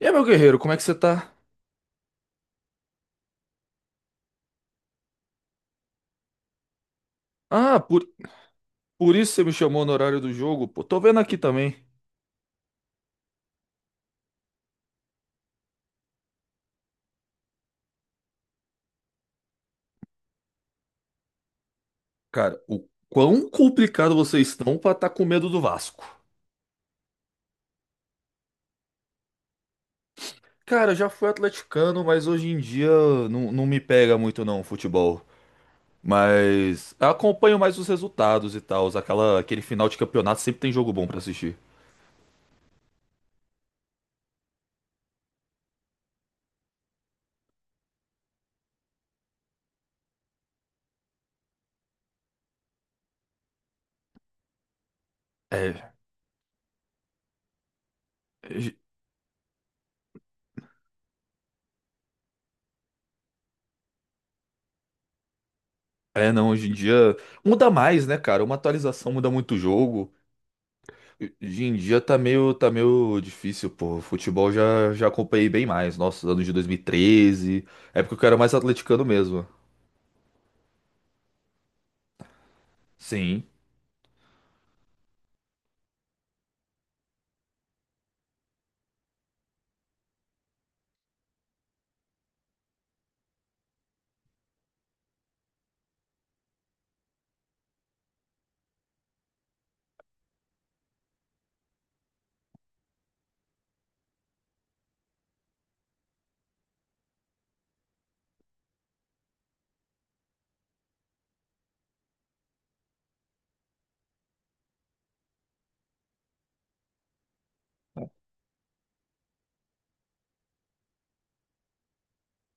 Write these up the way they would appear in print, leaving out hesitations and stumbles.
E aí, meu guerreiro, como é que você tá? Ah, por, por isso você me chamou no horário do jogo, pô. Tô vendo aqui também. Cara, o quão complicado vocês estão pra tá com medo do Vasco. Cara, eu já fui atleticano, mas hoje em dia não me pega muito não, o futebol. Mas eu acompanho mais os resultados e tal. Aquele final de campeonato sempre tem jogo bom pra assistir. É, é, não, hoje em dia muda mais, né, cara? Uma atualização muda muito o jogo. Hoje em dia tá meio difícil, pô. Futebol já acompanhei bem mais. Nossa, anos de 2013, época que eu era mais atleticano mesmo. Sim.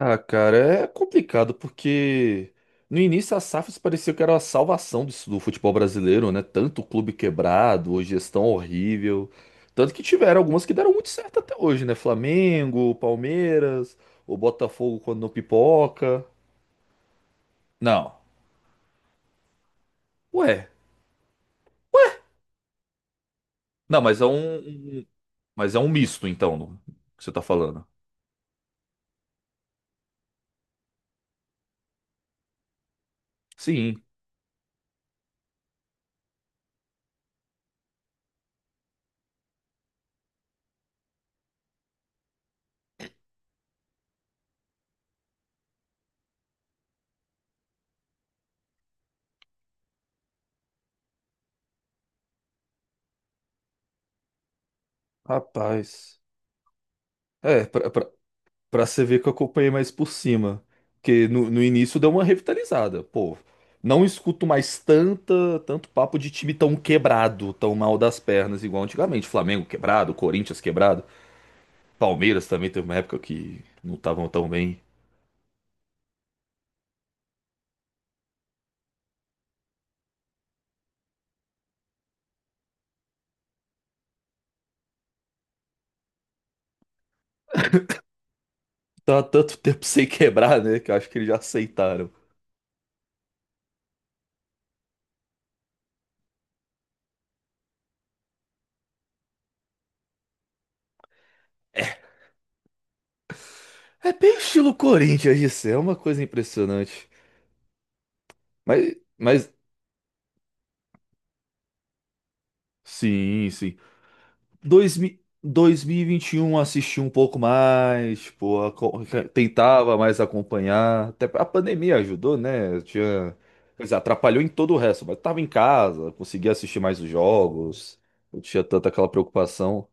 Ah, cara, é complicado porque no início a SAFs parecia que era a salvação do futebol brasileiro, né? Tanto clube quebrado, gestão horrível. Tanto que tiveram algumas que deram muito certo até hoje, né? Flamengo, Palmeiras, o Botafogo quando não pipoca. Não. Ué. Não, mas é um. Um Mas é um misto, então, que você tá falando. Sim. Rapaz. É, pra você ver que eu acompanhei mais por cima. Porque no início deu uma revitalizada. Pô, não escuto mais tanto papo de time tão quebrado, tão mal das pernas, igual antigamente. Flamengo quebrado, Corinthians quebrado. Palmeiras também teve uma época que não estavam tão bem. Tá tanto tempo sem quebrar, né? Que eu acho que eles já aceitaram. É, é bem estilo Corinthians, isso é uma coisa impressionante. Mas, mas Sim, sim. 2021 assisti um pouco mais, tipo, tentava mais acompanhar. Até a pandemia ajudou, né? Eu Tinha, quer dizer, atrapalhou em todo o resto, mas tava em casa, conseguia assistir mais os jogos, não tinha tanta aquela preocupação.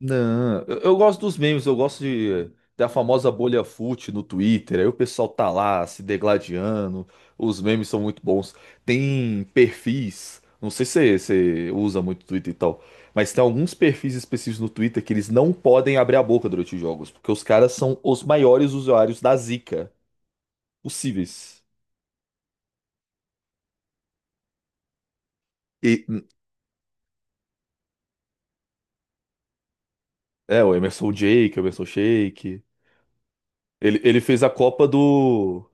Não, eu gosto dos memes, da famosa bolha fut no Twitter. Aí o pessoal tá lá se degladiando. Os memes são muito bons. Tem perfis, não sei se você usa muito Twitter e tal, mas tem alguns perfis específicos no Twitter que eles não podem abrir a boca durante os jogos, porque os caras são os maiores usuários da zica possíveis. E, o Emerson Jake, o Emerson Shake. Ele fez a Copa do.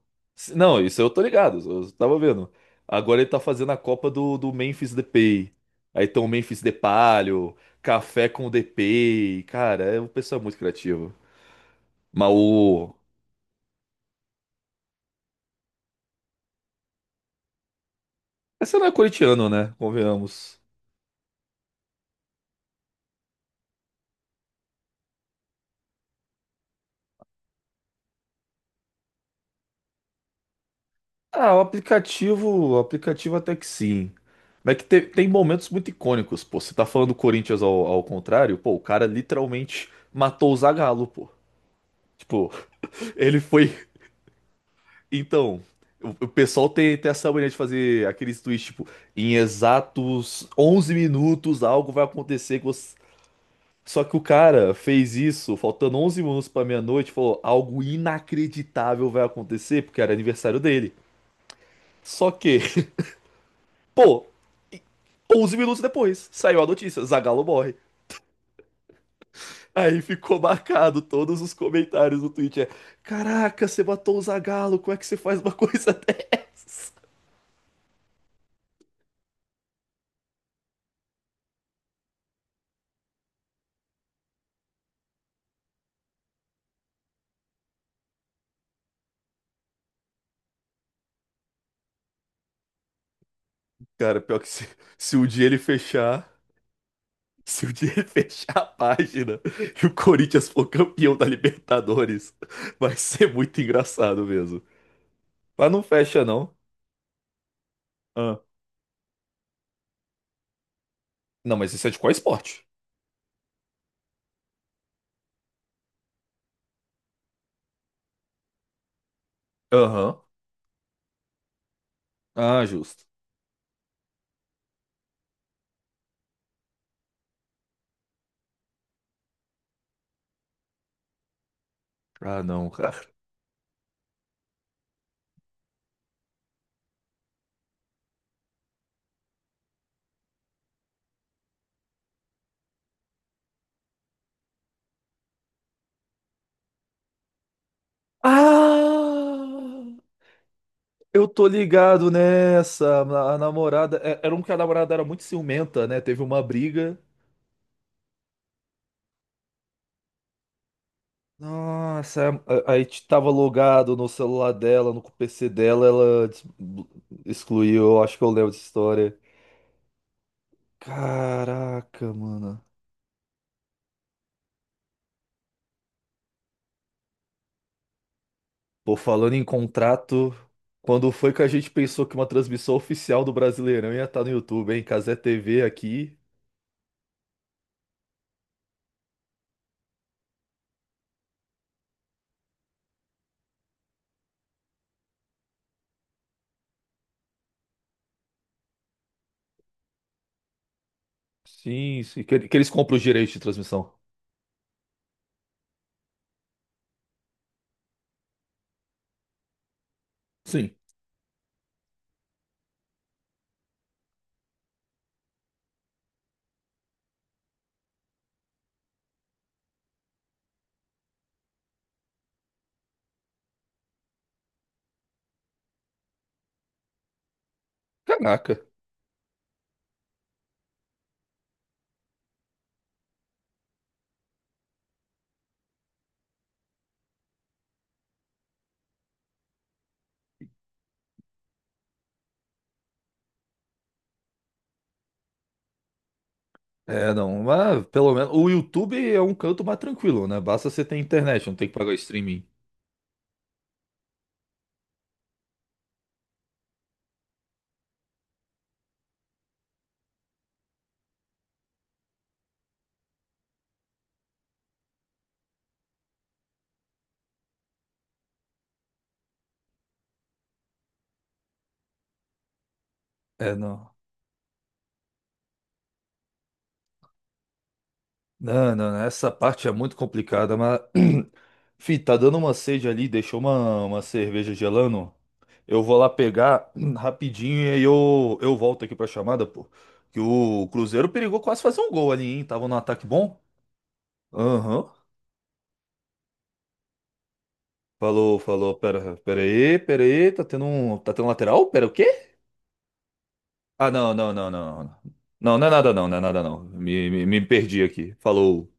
Não, isso eu tô ligado, eu tava vendo. Agora ele tá fazendo a Copa do Memphis Depay. Aí tem o Memphis Depalho, Café com o Depay. Cara, é um pessoal muito criativo. Mas o. Essa não é corintiano, né? Convenhamos. Ah, o aplicativo. O aplicativo até que sim. Mas é que tem momentos muito icônicos, pô. Você tá falando do Corinthians ao contrário, pô, o cara literalmente matou o Zagallo, pô. Tipo, ele foi. Então, o pessoal tem essa mania de fazer aqueles tweets, tipo, em exatos 11 minutos algo vai acontecer. Que você... Só que o cara fez isso, faltando 11 minutos pra meia-noite, falou, algo inacreditável vai acontecer, porque era aniversário dele. Só que, pô, 11 minutos depois, saiu a notícia, Zagallo morre. Aí ficou marcado todos os comentários do tweet, é, caraca, você matou o Zagallo, como é que você faz uma coisa dessa? Cara, pior que se um dia ele fechar... Se o dia fechar a página e o Corinthians for campeão da Libertadores, vai ser muito engraçado mesmo. Mas não fecha, não. Ah. Não, mas isso é de qual esporte? Aham. Ah, justo. Ah, não, cara. Ah! Eu tô ligado nessa. A namorada. Era um que a namorada era muito ciumenta, né? Teve uma briga. Nossa, tava logado no celular dela, no PC dela, excluiu. Eu acho que eu lembro dessa história. Caraca, mano. Pô, falando em contrato, quando foi que a gente pensou que uma transmissão oficial do Brasileirão ia estar no YouTube, hein? Cazé TV aqui. Sim, sim. Que eles compram os direitos de transmissão. Sim. Caraca. É, não, mas pelo menos o YouTube é um canto mais tranquilo, né? Basta você ter internet, não tem que pagar streaming. É, não. Não, essa parte é muito complicada, mas. Fih, tá dando uma sede ali, deixou uma cerveja gelando. Eu vou lá pegar rapidinho e aí eu volto aqui pra chamada, pô. Que o Cruzeiro perigou quase fazer um gol ali, hein? Tava num ataque bom. Aham. Falou, falou. Pera aí. Tá tendo um lateral? Pera, o quê? Não. Não, não é nada, não não é nada, não. Me perdi aqui. Falou.